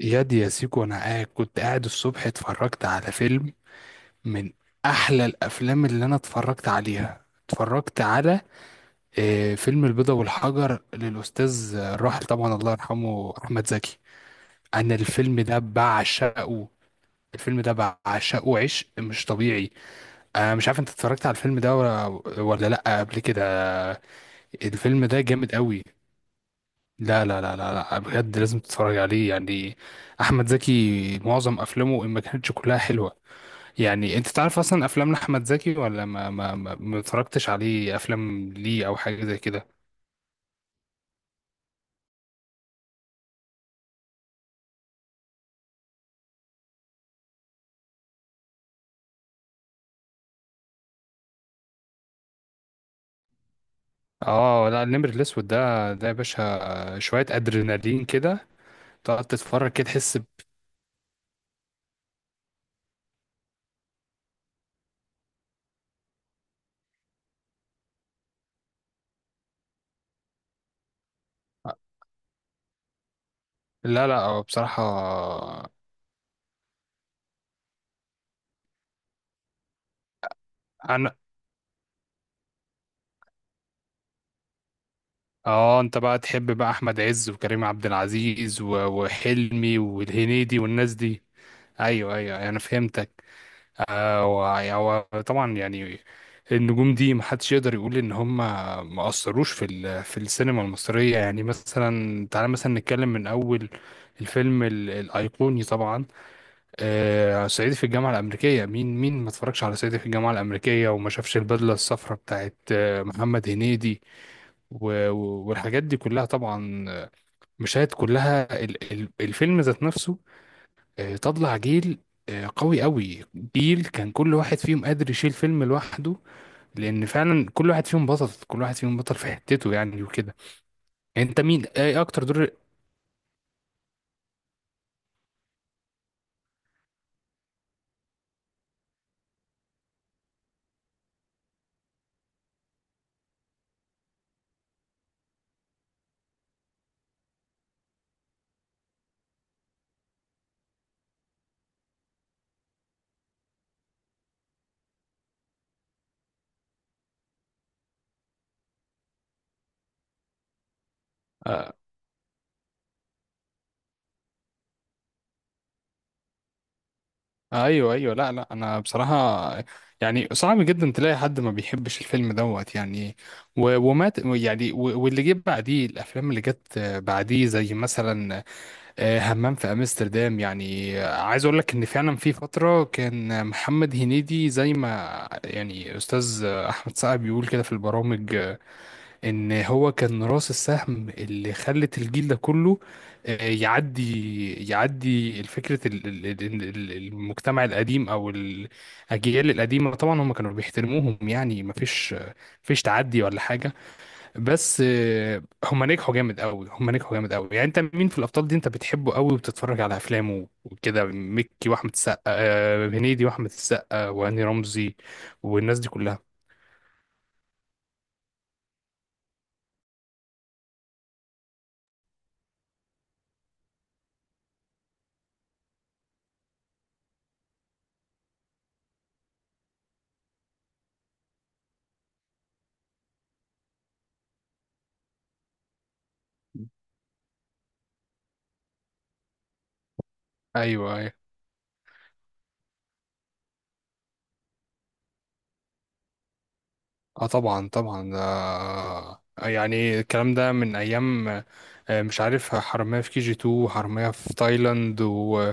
ياد يا سيكو، انا قاعد كنت قاعد الصبح اتفرجت على فيلم من احلى الافلام اللي انا اتفرجت عليها، اتفرجت على فيلم البيضة والحجر للاستاذ الراحل طبعا الله يرحمه احمد زكي. انا الفيلم ده بعشقه. الفيلم ده بعشقه عشق مش طبيعي. انا مش عارف، انت اتفرجت على الفيلم ده ولا لا قبل كده؟ الفيلم ده جامد قوي، لا لا لا لا لا، بجد لازم تتفرج عليه يعني. احمد زكي معظم افلامه ان ما كانتش كلها حلوة. يعني انت تعرف اصلا افلام احمد زكي ولا ما اتفرجتش عليه افلام ليه او حاجه زي كده؟ اه لا، النمر الاسود ده يا باشا شويه ادرينالين كده، تقعد تتفرج كده تحس لا لا، هو بصراحه، انا اه، انت بقى تحب بقى احمد عز وكريم عبد العزيز وحلمي والهنيدي والناس دي. ايوه، ايوه، أيوه، انا فهمتك. هو طبعا يعني النجوم دي محدش يقدر يقول ان هم ما اثروش في السينما المصريه. يعني مثلا تعالى مثلا نتكلم من اول الفيلم الايقوني طبعا. صعيدي في الجامعه الامريكيه، مين ما اتفرجش على صعيدي في الجامعه الامريكيه وما شافش البدله الصفراء بتاعت محمد هنيدي والحاجات دي كلها؟ طبعا مشاهد كلها الفيلم ذات نفسه. طلع جيل قوي قوي. جيل كان كل واحد فيهم قادر يشيل فيلم لوحده، لان فعلا كل واحد فيهم بطل، كل واحد فيهم بطل في حتته يعني وكده. انت ايه اكتر دور آه ايوه ايوه، لا لا، انا بصراحه يعني صعب جدا تلاقي حد ما بيحبش الفيلم دوت يعني، ومات يعني، واللي جه بعديه الافلام اللي جت بعديه، زي مثلا همام في امستردام. يعني عايز اقول لك ان فعلا في فتره كان محمد هنيدي زي ما يعني استاذ احمد سعد بيقول كده في البرامج، ان هو كان راس السهم اللي خلت الجيل ده كله يعدي الفكره، المجتمع القديم او الاجيال القديمه. طبعا هم كانوا بيحترموهم يعني ما فيش فيش تعدي ولا حاجه. بس هما نجحوا جامد قوي، هما نجحوا جامد قوي. يعني انت مين في الابطال دي انت بتحبه قوي وبتتفرج على افلامه وكده، مكي واحمد السقا هنيدي واحمد السقا وهاني رمزي والناس دي كلها؟ ايوه ايوه، اه طبعا طبعا، ده يعني الكلام ده من ايام مش عارف، حرامية في كي جي 2 وحرامية في تايلاند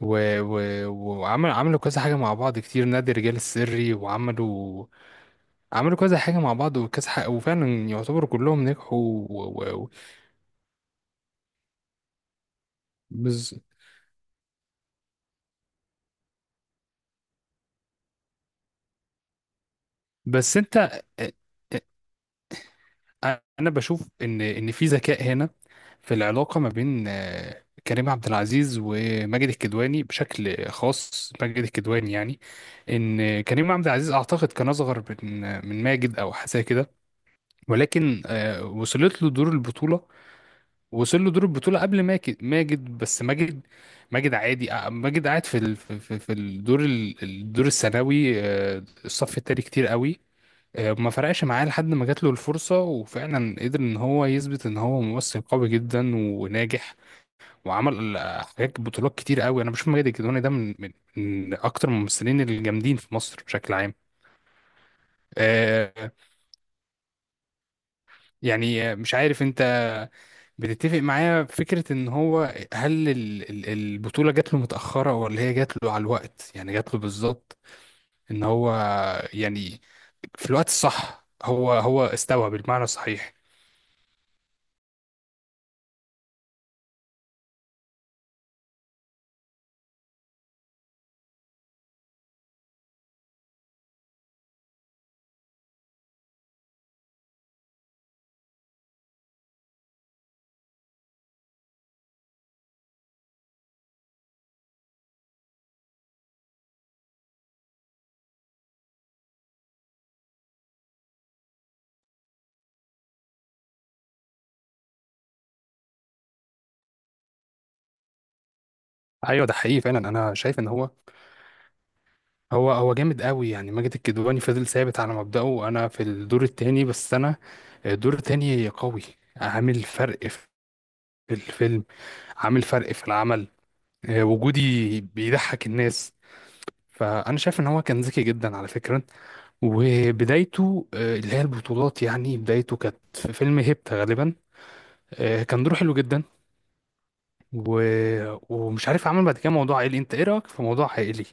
و... و... وعمل عملوا كذا حاجة مع بعض كتير، نادي الرجال السري، وعملوا عملوا كذا حاجة مع بعض وكذا حاجة، وفعلا يعتبروا كلهم نجحوا بس... بس انت اه، اه، انا بشوف ان في ذكاء هنا، في العلاقة ما بين كريم عبد العزيز وماجد الكدواني، بشكل خاص ماجد الكدواني يعني، ان كريم عبد العزيز اعتقد كان اصغر من ماجد او حاجة زي كده، ولكن وصلت له دور البطولة. وصل له دور البطولة قبل ماجد، بس ماجد عادي. ماجد قاعد في الدور الثانوي، الصف التاني، كتير قوي. ما فرقش معاه لحد ما جات له الفرصة وفعلا قدر ان هو يثبت ان هو ممثل قوي جدا وناجح، وعمل حاجات بطولات كتير قوي. انا بشوف ماجد الكدواني ده من من اكتر الممثلين الجامدين في مصر بشكل عام. آه، يعني مش عارف انت بتتفق معايا في فكرة ان هو، هل البطولة جات له متأخرة ولا هي جات له على الوقت، يعني جات له بالظبط، ان هو يعني في الوقت الصح هو استوى بالمعنى الصحيح؟ ايوه ده حقيقي فعلا. انا شايف ان هو جامد قوي يعني. ماجد الكدواني فضل ثابت على مبدأه: انا في الدور التاني، بس انا الدور التاني قوي، عامل فرق في الفيلم، عامل فرق في العمل. وجودي بيضحك الناس. فانا شايف ان هو كان ذكي جدا على فكرة، وبدايته اللي هي البطولات، يعني بدايته كانت في فيلم هيبتا غالبا. كان دوره حلو جدا و... ومش عارف، عمل بعد كده موضوع عائلي. انت ايه رايك في موضوع عائلي؟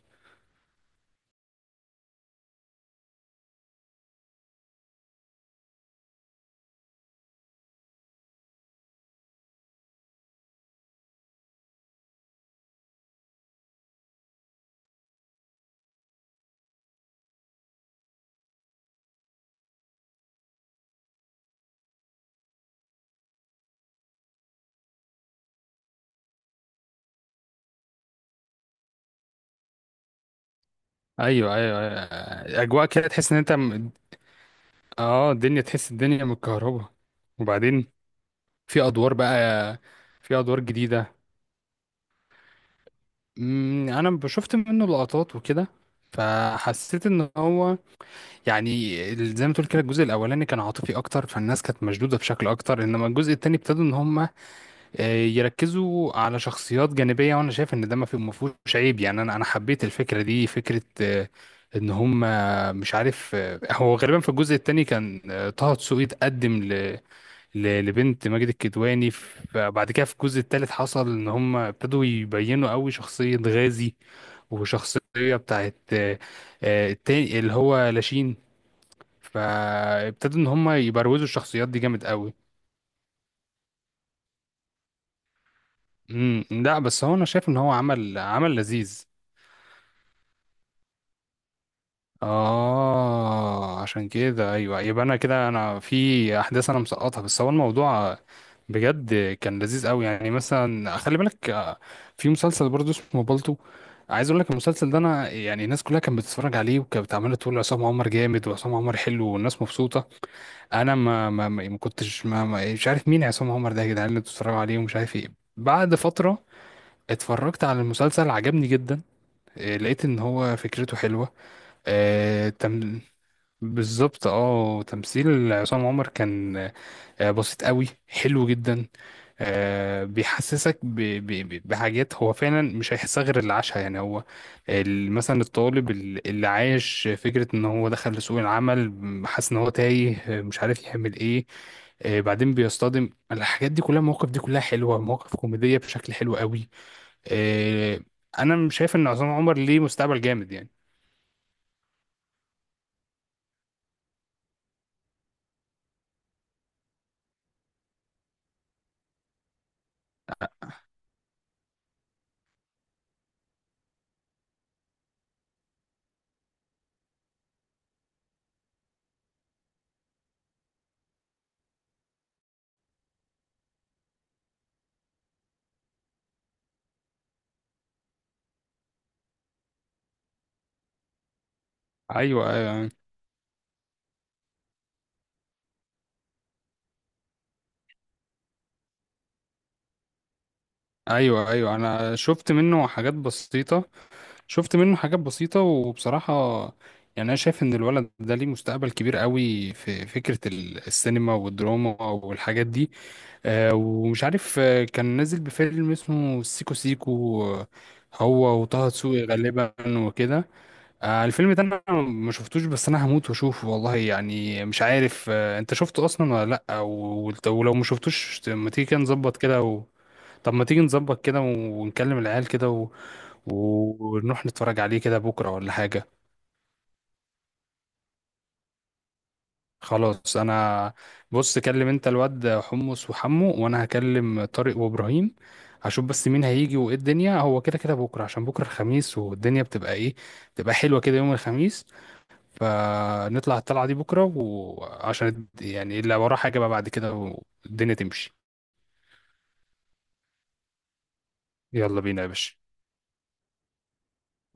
ايوه ايوه، أيوة. اجواء كده تحس ان انت اه، الدنيا، تحس الدنيا متكهربة. وبعدين في ادوار بقى في ادوار جديده. انا شفت منه لقطات وكده، فحسيت ان هو يعني زي ما تقول كده، الجزء الاولاني كان عاطفي اكتر، فالناس كانت مشدوده بشكل اكتر، انما الجزء التاني ابتدوا ان هم يركزوا على شخصيات جانبية، وانا شايف ان ده ما فيهوش عيب يعني. انا حبيت الفكرة دي، فكرة ان هم، مش عارف هو غالبا في الجزء التاني كان طه دسوقي اتقدم لبنت ماجد الكدواني، فبعد كده في الجزء التالت حصل ان هم ابتدوا يبينوا قوي شخصية غازي وشخصية بتاعت التاني اللي هو لاشين. فابتدوا ان هم يبروزوا الشخصيات دي جامد قوي. لا، بس هو انا شايف ان هو عمل عمل لذيذ. اه، عشان كده ايوه، يبقى انا كده انا في احداث انا مسقطها، بس هو الموضوع بجد كان لذيذ قوي. يعني مثلا خلي بالك في مسلسل برضه اسمه بالطو، عايز اقول لك المسلسل ده. انا يعني الناس كلها كانت بتتفرج عليه وكانت عماله تقول عصام عمر جامد وعصام عمر حلو والناس مبسوطه. انا ما كنتش مش عارف مين عصام عمر ده يا جدعان، اللي بتتفرجوا عليه ومش عارف ايه. بعد فتره اتفرجت على المسلسل، عجبني جدا. لقيت ان هو فكرته حلوه. بالظبط، تمثيل عصام عمر كان بسيط قوي، حلو جدا. بيحسسك بحاجات هو فعلا مش هيحسها غير اللي عاشها يعني. هو مثلا الطالب اللي عايش فكرة ان هو دخل لسوق العمل، حاسس ان هو تايه مش عارف يعمل ايه. بعدين بيصطدم، الحاجات دي كلها، المواقف دي كلها حلوة، مواقف كوميدية بشكل حلو قوي. آه، انا مش شايف ان عصام عمر ليه مستقبل جامد يعني. ايوه ايوه ايوه، انا شفت منه حاجات بسيطه. شفت منه حاجات بسيطه وبصراحه يعني انا شايف ان الولد ده ليه مستقبل كبير قوي في فكره السينما والدراما والحاجات دي. ومش عارف كان نازل بفيلم اسمه سيكو سيكو هو وطه دسوقي غالبا وكده. الفيلم ده انا ما شفتوش، بس انا هموت واشوفه والله. يعني مش عارف انت شفته اصلا ولا لا؟ ولو ما شفتوش ما تيجي كده نظبط كده. طب، ما تيجي نظبط كده ونكلم العيال كده ونروح نتفرج عليه كده بكرة ولا حاجة. خلاص، انا، بص، كلم انت الواد حمص وحمو وانا هكلم طارق وابراهيم. هشوف بس مين هيجي وايه الدنيا. هو كده كده بكرة، عشان بكرة الخميس والدنيا بتبقى ايه، بتبقى حلوة كده يوم الخميس. فنطلع الطلعة دي بكرة، وعشان يعني اللي وراه حاجة بقى بعد كده والدنيا تمشي. يلا بينا يا باشا،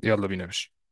يلا بينا يا باشا.